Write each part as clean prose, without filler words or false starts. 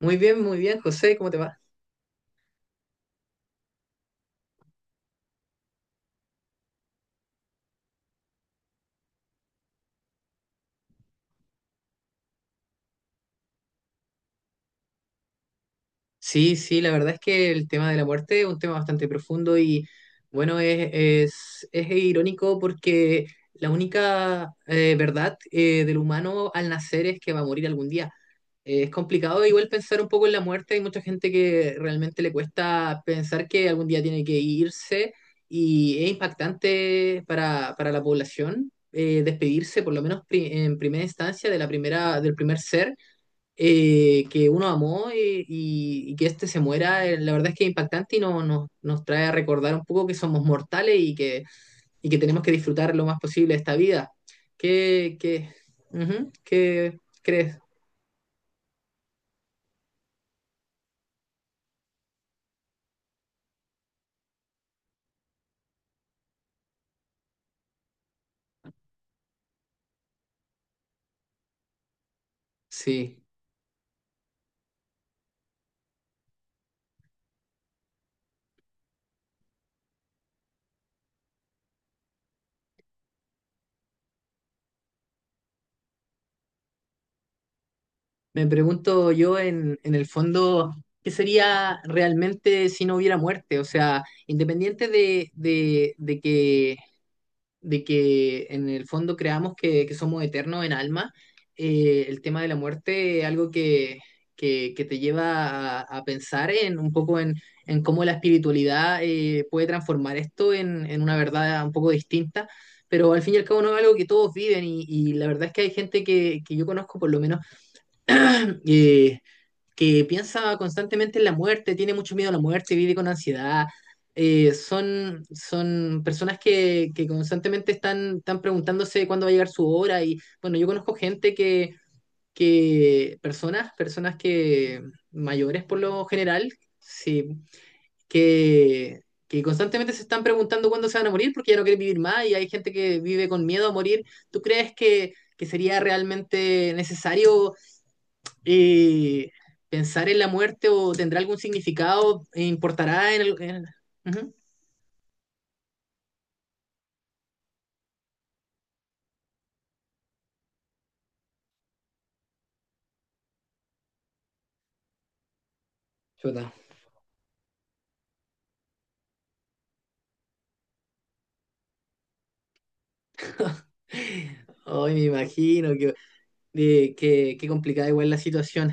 Muy bien, José, ¿cómo te va? Sí, sí, la verdad es que el tema de la muerte es un tema bastante profundo y bueno, es irónico porque la única verdad del humano al nacer es que va a morir algún día. Es complicado igual pensar un poco en la muerte, hay mucha gente que realmente le cuesta pensar que algún día tiene que irse y es impactante para la población despedirse, por lo menos en primera instancia, de la primera, del primer ser que uno amó y que este se muera, la verdad es que es impactante y no, nos trae a recordar un poco que somos mortales y, que, y que tenemos que disfrutar lo más posible esta vida. ¿Qué, qué, qué crees? Sí, me pregunto yo en el fondo, ¿qué sería realmente si no hubiera muerte? O sea, independiente de que en el fondo creamos que somos eternos en alma, el tema de la muerte es algo que te lleva a pensar en un poco en cómo la espiritualidad puede transformar esto en una verdad un poco distinta. Pero al fin y al cabo no es algo que todos viven y la verdad es que hay gente que yo conozco por lo menos eh, que piensa constantemente en la muerte, tiene mucho miedo a la muerte, vive con ansiedad. Son personas que constantemente están preguntándose cuándo va a llegar su hora. Y bueno, yo conozco gente que, personas, personas que mayores por lo general, sí, que, que constantemente se están preguntando cuándo se van a morir porque ya no quieren vivir más y hay gente que vive con miedo a morir. ¿Tú crees que sería realmente necesario? eh, pensar en la muerte o tendrá algún significado, e importará en el... Ujú. Chuta. Ay, me imagino que, qué complicada igual la situación.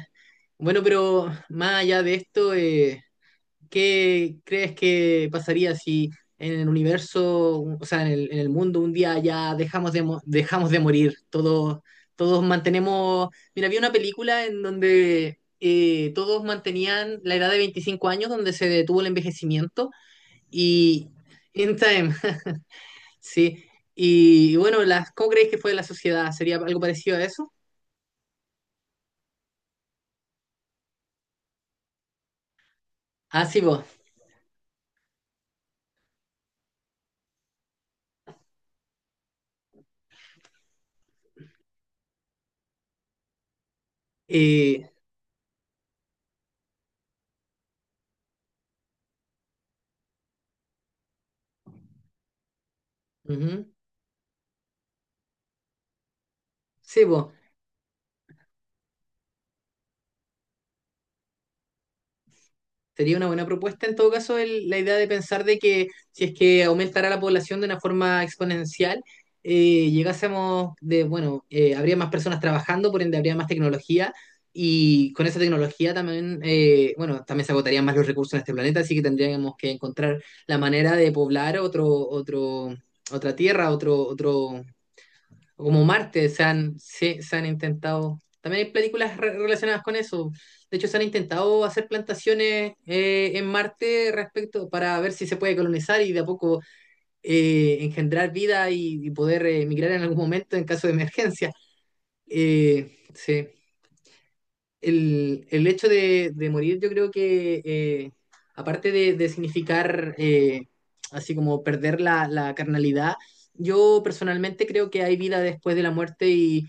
Bueno, pero más allá de esto, ¿qué crees que pasaría si en el universo, o sea, en en el mundo un día ya dejamos de dejamos de morir? Todos, todos mantenemos... Mira, había una película en donde todos mantenían la edad de 25 años, donde se detuvo el envejecimiento y... In Time, sí. Y bueno, las, ¿cómo creéis que fue la sociedad? ¿Sería algo parecido a eso? Ah, sí, vos. Eh, ujú. Sí, vos. Sería una buena propuesta en todo caso la idea de pensar de que si es que aumentara la población de una forma exponencial, habría más personas trabajando, por ende habría más tecnología y con esa tecnología también, bueno, también se agotarían más los recursos en este planeta, así que tendríamos que encontrar la manera de poblar otra tierra, otro, como Marte, se, se han intentado. También hay películas relacionadas con eso. De hecho, se han intentado hacer plantaciones en Marte respecto para ver si se puede colonizar y de a poco engendrar vida y poder emigrar en algún momento en caso de emergencia. Sí el hecho de morir yo creo que, de significar así como perder la carnalidad, yo personalmente creo que hay vida después de la muerte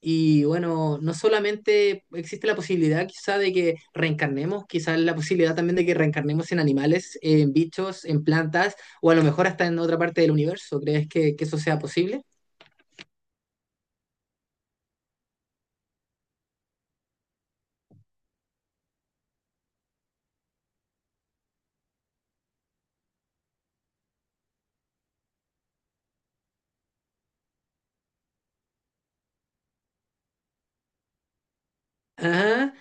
y bueno, no solamente existe la posibilidad quizá de que reencarnemos, quizás la posibilidad también de que reencarnemos en animales, en bichos, en plantas o a lo mejor hasta en otra parte del universo. ¿Crees que eso sea posible? Ah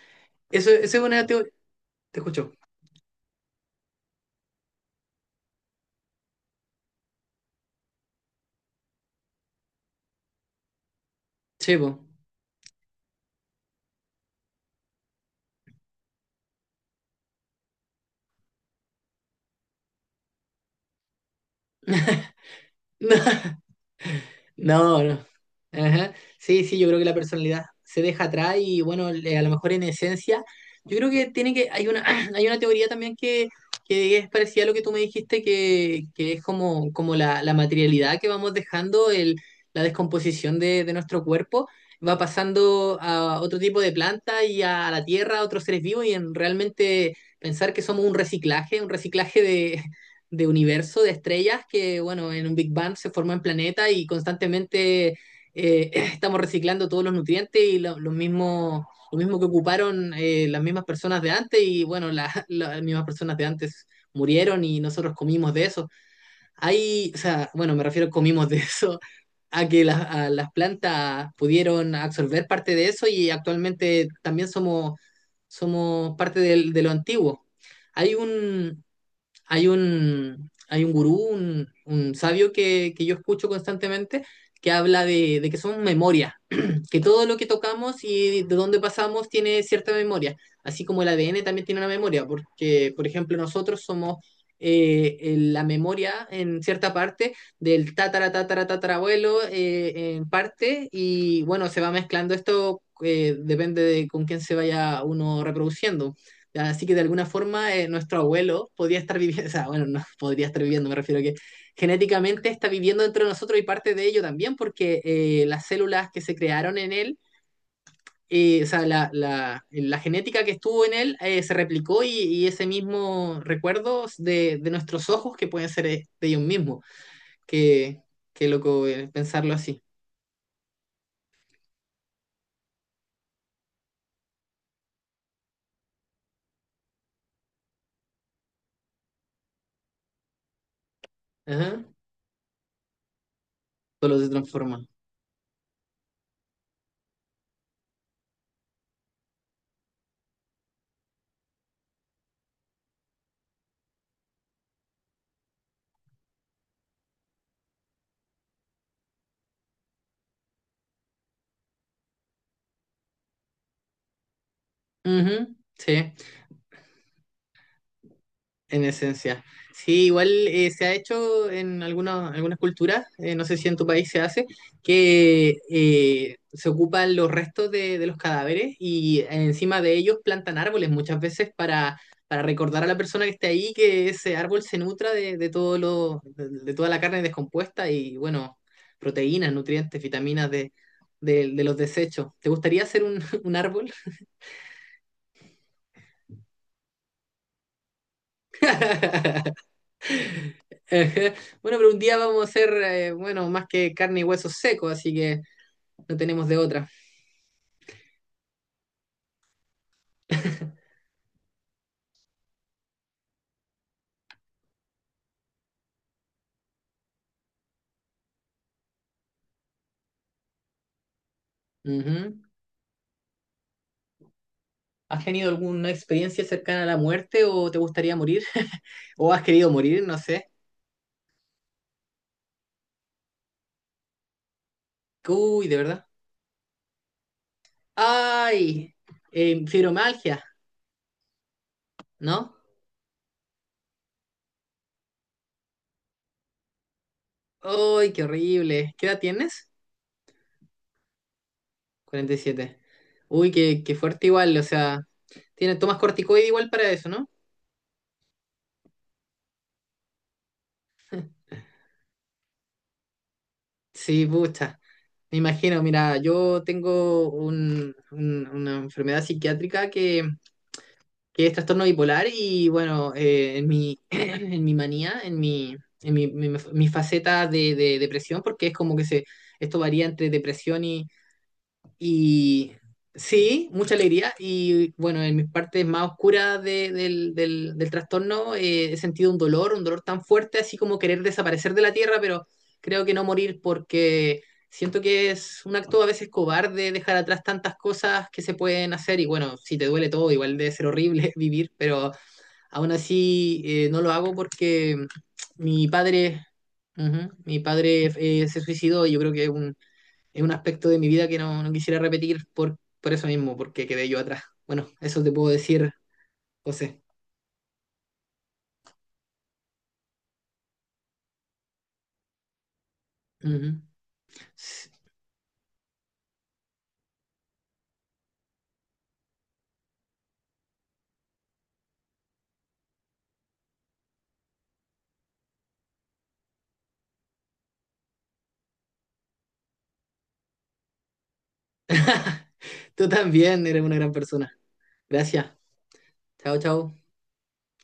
Eso es una... te escucho. Chevo. No, no. Ajá. Sí, sí, yo creo que la personalidad se deja atrás y bueno, a lo mejor en esencia, yo creo que tiene que, hay una, hay una teoría también que es parecida a lo que tú me dijiste, que es como, como la materialidad que vamos dejando, el, la descomposición de nuestro cuerpo, va pasando a otro tipo de planta y a, la tierra, a otros seres vivos, y en realmente pensar que somos un reciclaje de universo de estrellas que, bueno, en un Big Bang se formó en planeta y constantemente estamos reciclando todos los nutrientes y lo mismo que ocuparon las mismas personas de antes bueno, las mismas personas de antes murieron y nosotros comimos de eso. Hay, o sea, bueno, me refiero comimos de eso a que las a las plantas pudieron absorber parte de eso y actualmente también somos, somos parte de lo antiguo. Hay un, Hay un gurú, un sabio que yo escucho constantemente, que habla de que son memorias que todo lo que tocamos y de dónde pasamos tiene cierta memoria, así como el ADN también tiene una memoria, porque, por ejemplo, nosotros somos en la memoria en cierta parte del tatara, tatara, tatarabuelo en parte, y bueno, se va mezclando esto, depende de con quién se vaya uno reproduciendo. Así que de alguna forma nuestro abuelo podría estar viviendo, o sea, bueno, no podría estar viviendo, me refiero a que genéticamente está viviendo dentro de nosotros y parte de ello también, porque las células que se crearon en él, o sea, la genética que estuvo en él se replicó y ese mismo recuerdo de nuestros ojos que pueden ser de ellos mismos. Qué, qué loco pensarlo así. Ajá. Solo se transforma. Ujú, sí. En esencia. Sí, igual se ha hecho en algunas, algunas culturas, no sé si en tu país se hace, que se ocupan los restos de los cadáveres y encima de ellos plantan árboles muchas veces para recordar a la persona que esté ahí que ese árbol se nutra de todo lo, de toda la carne descompuesta y bueno, proteínas, nutrientes, vitaminas de, de los desechos. ¿Te gustaría hacer un árbol? Ajá. Bueno, pero un día vamos a hacer, bueno, más que carne y huesos secos, así que no tenemos de otra. Ujú. ¿Has tenido alguna experiencia cercana a la muerte o te gustaría morir? ¿O has querido morir? No sé. Uy, de verdad. ¡Ay! Fibromialgia, ¿no? ¡Ay, qué horrible! ¿Qué edad tienes? 47. Uy, qué fuerte igual, o sea, tienes, tomas corticoide igual para eso, ¿no? Sí, pucha. Me imagino, mira, yo tengo una enfermedad psiquiátrica que es trastorno bipolar y bueno, en mi, en mi manía, mi faceta de depresión, porque es como que se, esto varía entre depresión y sí, mucha alegría. Y bueno, en mis partes más oscuras del trastorno he sentido un dolor tan fuerte, así como querer desaparecer de la tierra, pero creo que no morir porque siento que es un acto a veces cobarde dejar atrás tantas cosas que se pueden hacer. Y bueno, si te duele todo, igual debe ser horrible vivir, pero aún así no lo hago porque mi padre, ujú, mi padre se suicidó y yo creo que es un aspecto de mi vida que no, no quisiera repetir por eso mismo, porque quedé yo atrás. Bueno, eso te puedo decir, José. Ujú. Tú también eres una gran persona. Gracias. Chao, chao.